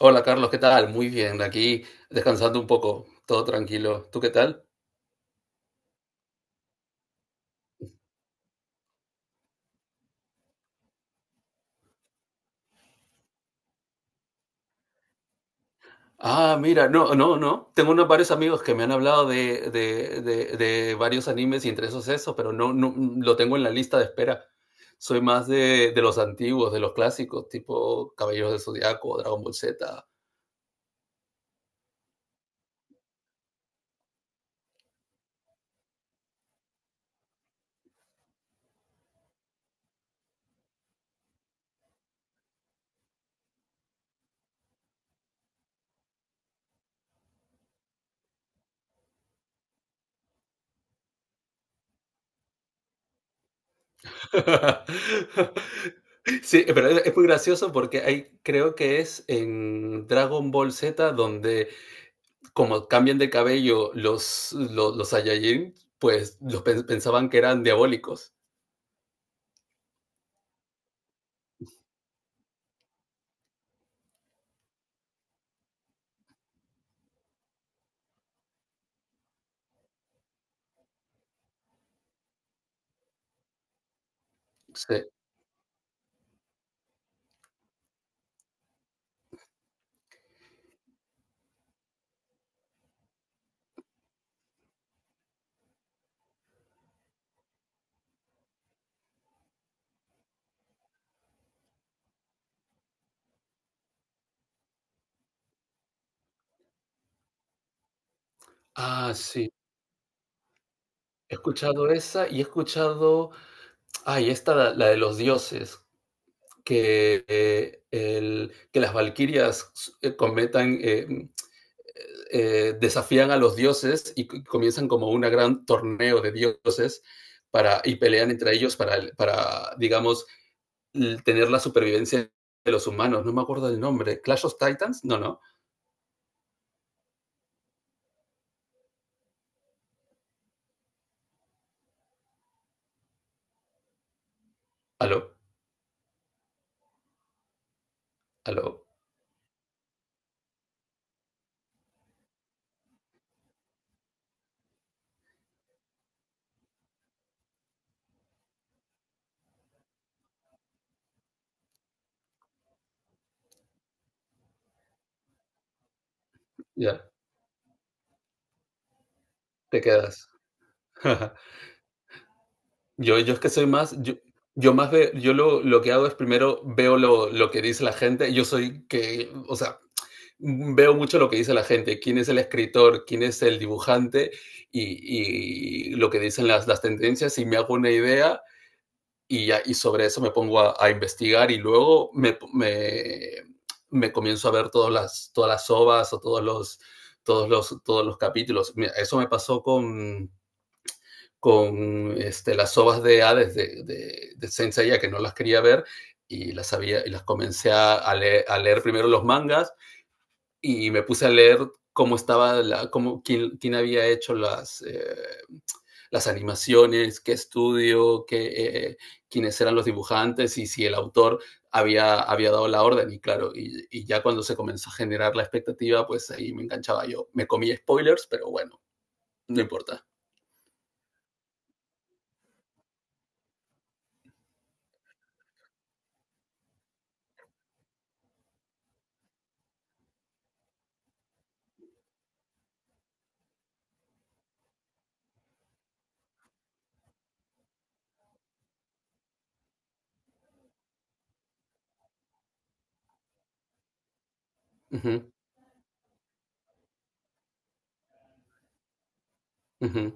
Hola Carlos, ¿qué tal? Muy bien, aquí descansando un poco, todo tranquilo. ¿Tú qué tal? Ah, mira, no, no, no. Tengo unos varios amigos que me han hablado de varios animes y entre esos eso, pero no, no lo tengo en la lista de espera. Soy más de los antiguos, de los clásicos, tipo Caballeros del Zodiaco, Dragon Ball Z. Sí, pero es muy gracioso porque hay, creo que es en Dragon Ball Z donde como cambian de cabello los Saiyajin, pues los pensaban que eran diabólicos. Sí. Ah, sí. He escuchado esa y he escuchado. Ay, esta, la de los dioses, que, que las valquirias eh, cometan. eh, mm, desafían a los dioses y comienzan como un gran torneo de dioses y pelean entre ellos digamos, tener la supervivencia de los humanos. No me acuerdo del nombre. ¿Clash of Titans? No, no. Aló, aló. Ya, te quedas. Yo es que soy más. Yo que hago es primero veo que dice la gente. O sea, veo mucho lo que dice la gente, quién es el escritor, quién es el dibujante y lo que dicen las tendencias y me hago una idea y, ya, y sobre eso me pongo a investigar y luego me comienzo a ver todas las ovas o todos los capítulos. Mira, eso me pasó con este, las ovas de Hades de Saint Seiya, que no las quería ver y las comencé a leer primero los mangas y me puse a leer cómo estaba, cómo, quién había hecho las animaciones, qué estudio, quiénes eran los dibujantes y si el autor había dado la orden. Y claro, ya cuando se comenzó a generar la expectativa, pues ahí me enganchaba yo. Me comí spoilers, pero bueno, no importa. Uh -huh, uh -huh.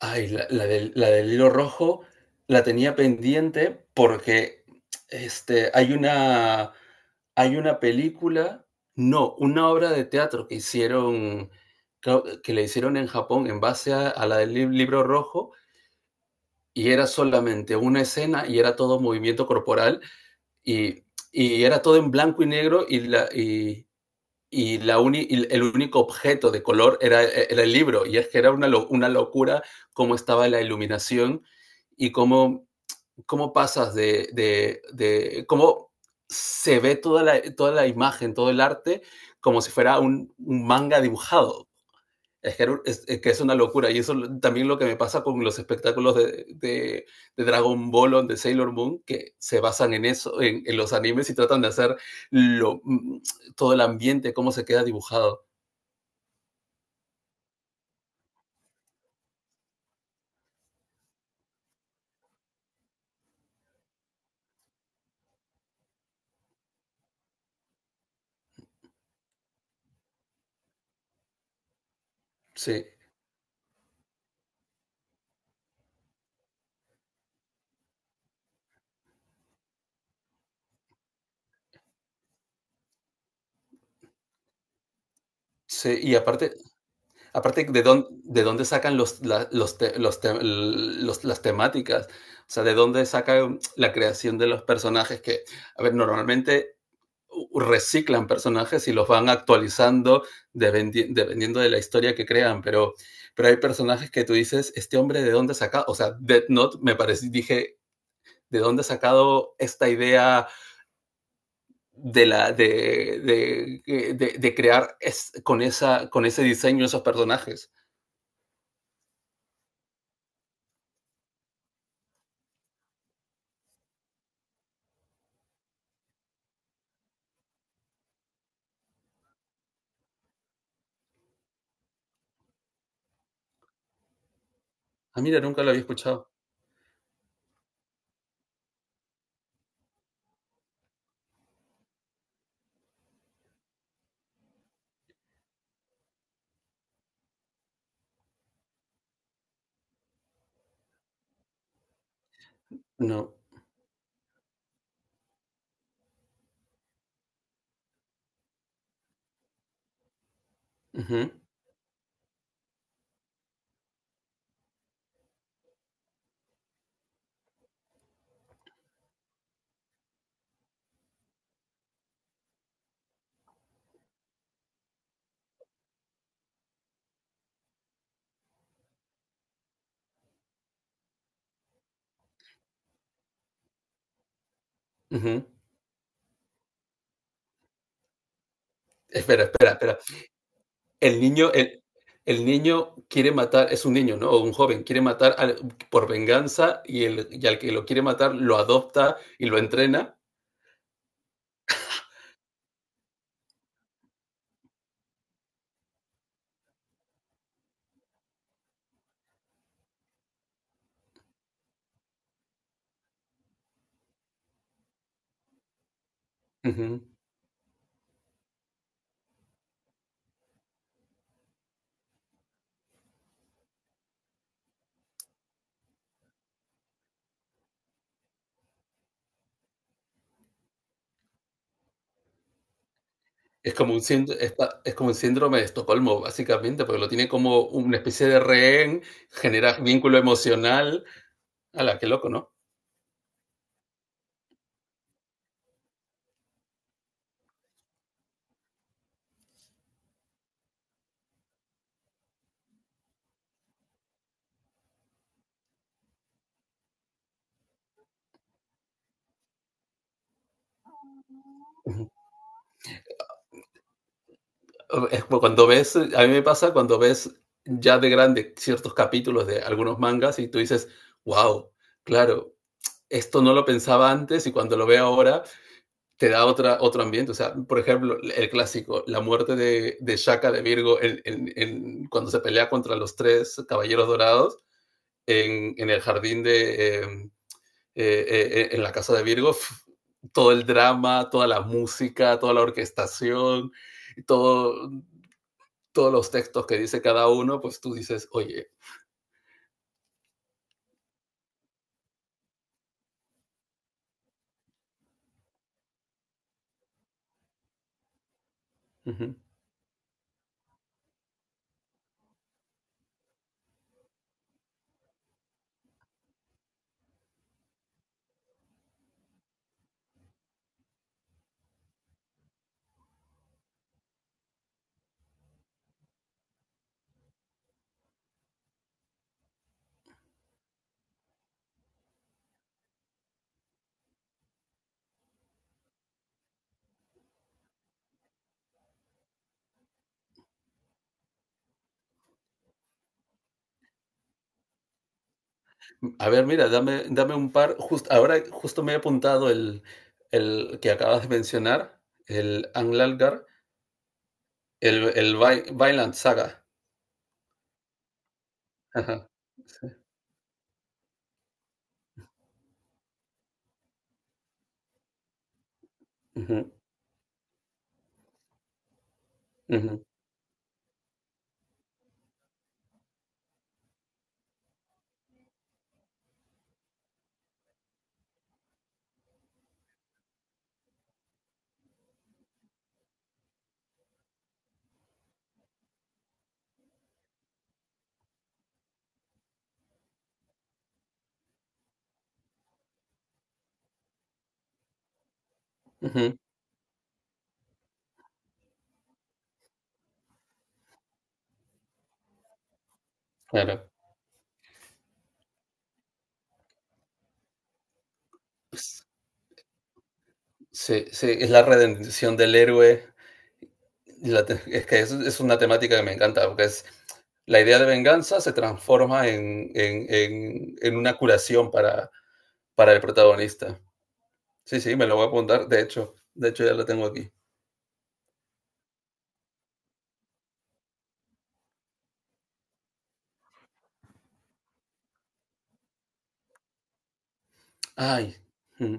Ay, la del hilo rojo la tenía pendiente porque este, hay una película, no, una obra de teatro que hicieron, creo que le hicieron en Japón en base a la del libro rojo y era solamente una escena y era todo movimiento corporal y, y era todo en blanco y negro y el único objeto de color el libro. Y es que era una locura cómo estaba la iluminación y cómo, cómo pasas de cómo se ve toda toda la imagen, todo el arte, como si fuera un manga dibujado. Es que es una locura. Y eso también lo que me pasa con los espectáculos de Dragon Ball o de Sailor Moon, que se basan en eso, en los animes y tratan de hacer lo, mm, todo el ambiente, cómo se queda dibujado. Sí, sí. Y aparte, aparte de dónde sacan los, la- los, te- los te- los- las temáticas, o sea, de dónde sacan la creación de los personajes que, a ver, normalmente reciclan personajes y los van actualizando dependiendo de la historia que crean, pero hay personajes que tú dices, este hombre de dónde saca, o sea, Death Note me parece, dije, ¿de dónde ha sacado esta idea de, la, de crear con ese diseño esos personajes? Ah, mira, nunca lo había escuchado. No. Uh -huh. Uh -huh. Espera, espera, espera. El niño, el, el niño quiere matar, es un niño, ¿no? O un joven, quiere matar por venganza y al que lo quiere matar lo adopta y lo entrena. Ujú. Es como un, es como un síndrome de Estocolmo, básicamente, porque lo tiene como una especie de rehén, genera vínculo emocional. La qué loco, ¿no? Ujú. Es como cuando ves, a mí me pasa cuando ves ya de grande ciertos capítulos de algunos mangas y tú dices, wow, claro, esto no lo pensaba antes y cuando lo veo ahora te da otra, otro ambiente. O sea, por ejemplo, el clásico, la muerte de Shaka de Virgo cuando se pelea contra los tres caballeros dorados en el jardín de. En la casa de Virgo, todo el drama, toda la música, toda la orquestación, todo, todos los textos que dice cada uno, pues tú dices, oye, uh -huh. A ver, mira, dame, dame un par. Just, ahora justo me he apuntado el que acabas de mencionar, el Anglalgar, el Vi Vinland Saga. Ajá. Sí. Ujú, ujú, ujú, claro. S sí, sí, es la redención del héroe. La te es que es una temática que me encanta, porque es la idea de venganza se transforma en una curación para el protagonista. Sí, sí, me lo voy a apuntar, de hecho ya la tengo aquí. Ay, mm,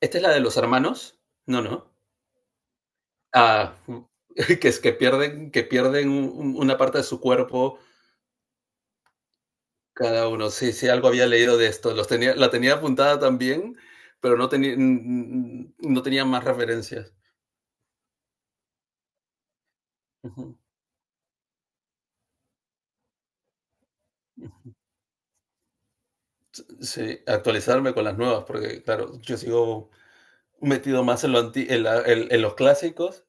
¿esta es la de los hermanos? No, ¿no? Ah, que es que pierden un una parte de su cuerpo. Cada uno, sí, sí, algo había leído de esto. Los tenía, la tenía apuntada también, pero no, tenía no tenía más referencias. Ujú. Sí, actualizarme con las nuevas, porque claro, yo sigo metido más en, lo en los clásicos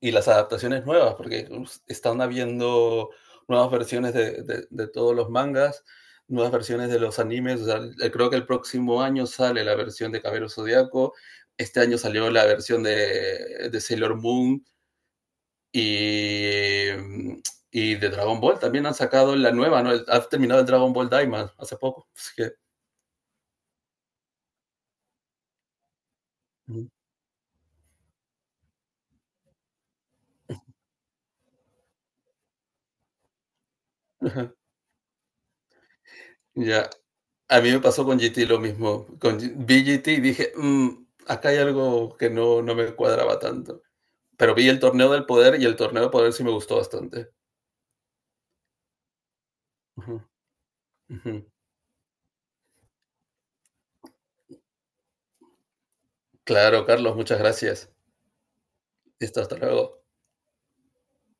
y las adaptaciones nuevas, porque están habiendo nuevas versiones de todos los mangas, nuevas versiones de los animes. O sea, creo que el próximo año sale la versión de Caballero Zodiaco, este año salió la versión de Sailor Moon, Y, y de Dragon Ball también han sacado la nueva, ¿no? Ha terminado el Dragon Ball Daima hace poco. Así que, ya. A mí me pasó con GT lo mismo. Con, vi GT y dije, mmm, acá hay algo que no, no me cuadraba tanto. Pero vi el torneo del poder y el torneo del poder sí me gustó bastante. Ujú, ujú. Claro, Carlos, muchas gracias. Listo, hasta luego.